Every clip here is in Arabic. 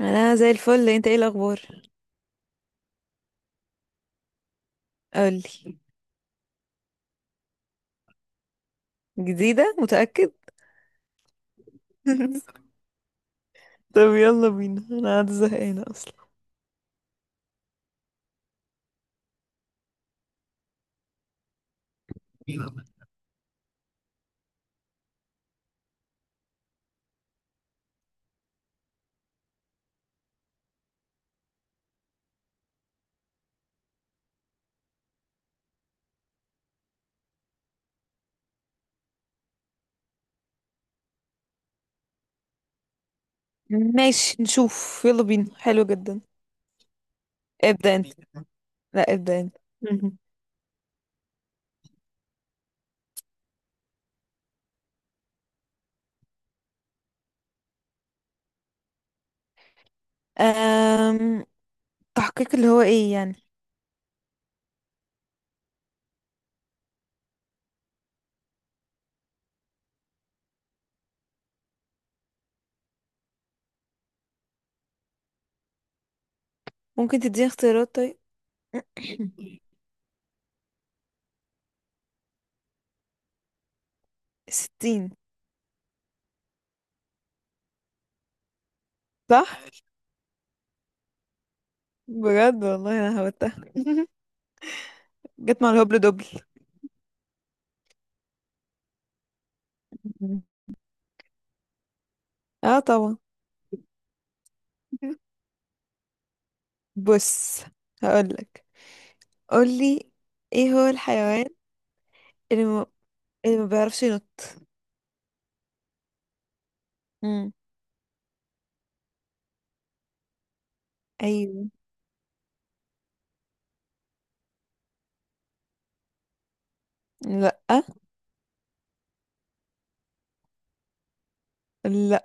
انا زي الفل. انت ايه الاخبار؟ قولي. جديده؟ متاكد؟ طب يلا بينا، انا قاعده زهقانه اصلا. ماشي نشوف. يلا بينا، حلو جدا. ابدا انت. لا، ابدا انت. مهم. أم... تحقيق اللي هو ايه يعني؟ ممكن تديني اختيارات طيب؟ ستين. صح. بجد والله انا هبتها. جت مع الهبل دبل. مم. اه طبعا. بص، هقولك. قولي. ايه هو الحيوان اللي ما, اللي ما بيعرفش ينط؟ ايوه. لا، لا.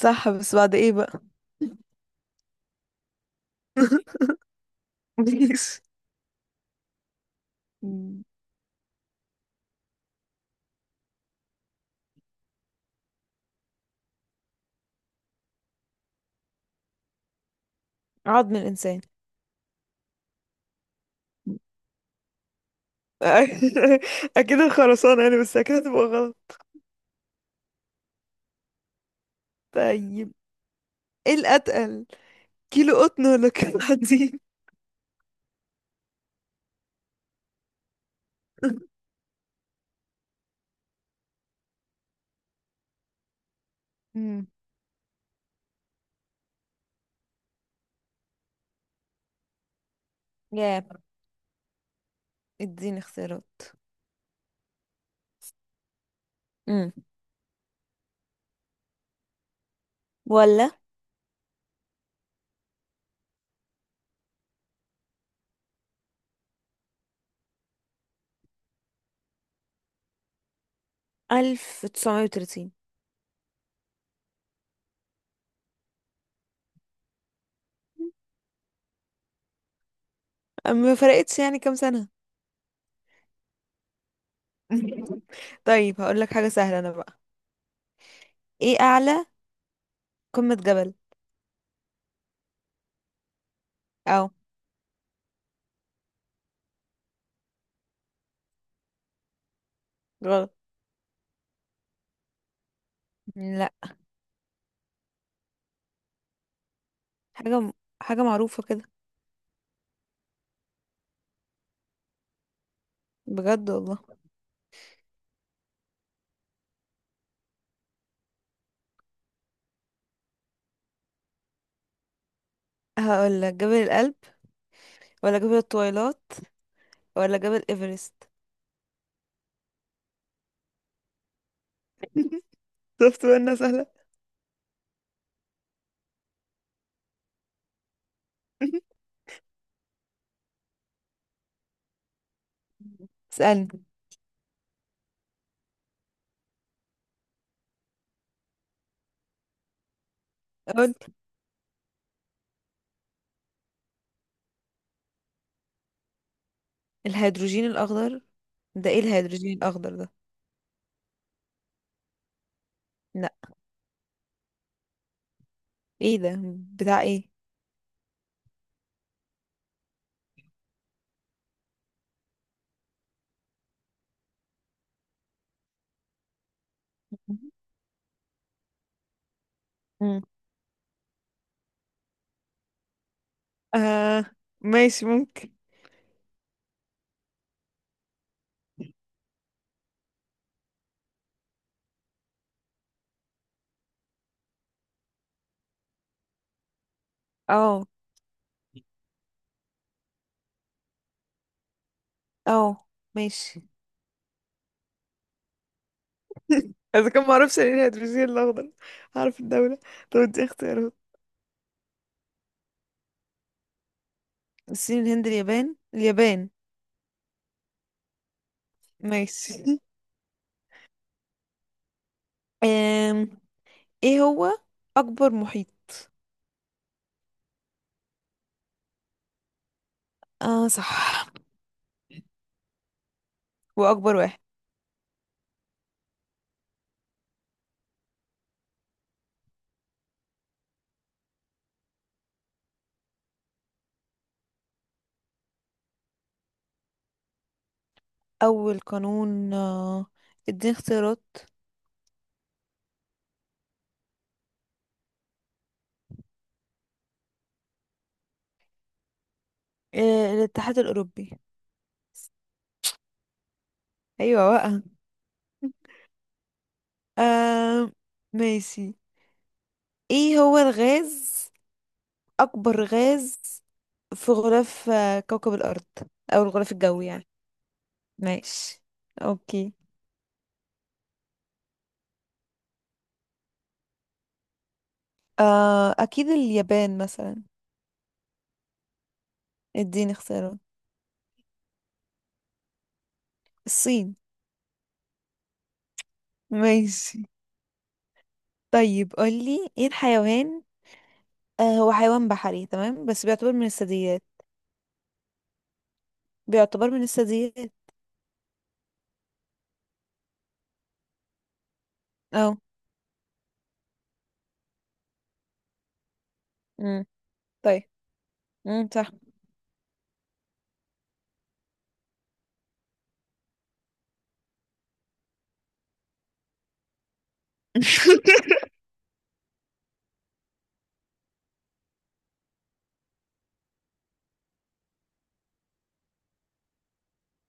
صح، بس بعد ايه بقى؟ ماشي. مم. عظم الانسان. اكيد الخرسانة يعني، بس اكيد هتبقى غلط. طيب، ايه الاتقل؟ كيلو قطن ولا كيلو حديد؟ امم يا، اديني اختيارات. امم ولا 1930؟ ما فرقتش يعني كام سنة. طيب هقول لك حاجة سهلة انا بقى. ايه اعلى قمة جبل؟ او غلط. لا. حاجة حاجة معروفة كده. بجد والله. هقول لك جبل الألب ولا جبل الطويلات ولا جبل إيفرست؟ شفت بقى انها سهلة. اسألني. قول. الهيدروجين الأخضر؟ ده ايه الهيدروجين الأخضر ده؟ لا. ايه ده؟ بتاع ايه؟ مم. آه ماشي ممكن. اه، اه. ماشي. اذا كان معرفش يعني ايه الهيدروجين الاخضر، هعرف الدولة؟ طب ادي اختيارات. الصين، الهند، اليابان. اليابان. ماشي. أم. ايه هو أكبر محيط؟ اه صح. واكبر واحد. اول قانون. اديني اختيارات. الاتحاد الاوروبي. ايوه بقى. آه. ماشي. ايه هو الغاز اكبر غاز في غلاف كوكب الارض؟ او الغلاف الجوي يعني. ماشي. اوكي. اكيد اليابان مثلا. اديني اختيارات. الصين. ماشي. طيب قولي، ايه الحيوان؟ هو حيوان بحري تمام، بس بيعتبر من الثدييات. بيعتبر من الثدييات. اه. طيب. صح.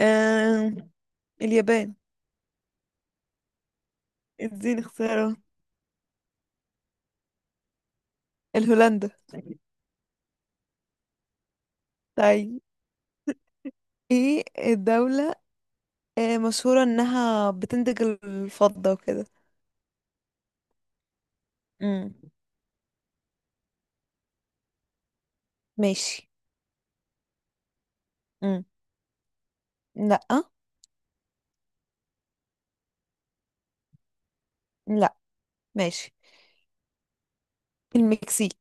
آه... اليابان. اديني اختيارات. الهولندا. طيب ايه الدولة مشهورة انها بتنتج الفضة وكده. امم. ماشي. امم. لا. لا. ماشي. المكسيك.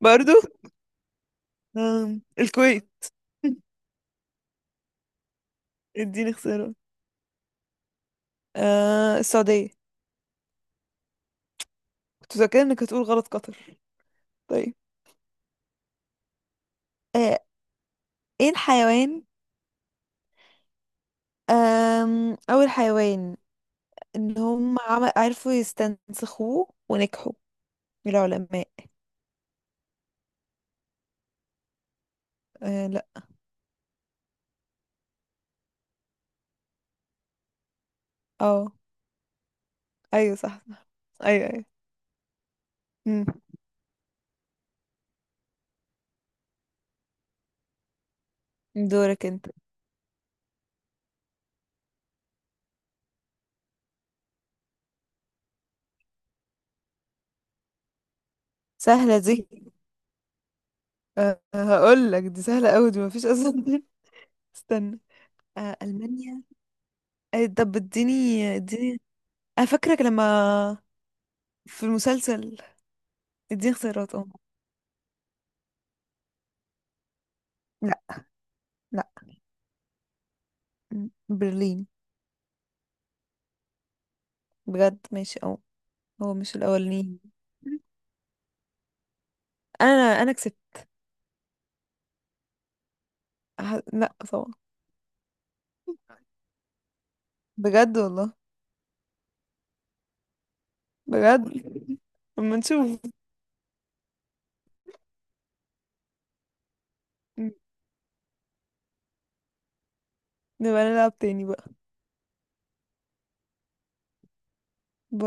برضو. الكويت. اديني اختيارات. السعودية. كنت فاكرة انك هتقول غلط قطر. طيب. آه ايه الحيوان؟ اول حيوان ان هم عرفوا يستنسخوه ونجحوا، العلماء. لا. اه. ايوه، صح صح. ايوه ايوه. مم. دورك انت. سهلة دي. هقول لك دي سهلة قوي دي مفيش اصلا. استنى. ألمانيا. طب اديني اديني. انا فاكرك لما في المسلسل. اديني اختيارات اه. لا. لا. مم. برلين. بجد ماشي اه. هو مش الاولاني؟ انا كسبت. لا طبعا. بجد والله. بجد. اما نشوف. مم. نبقى نلعب تاني بقى. باي.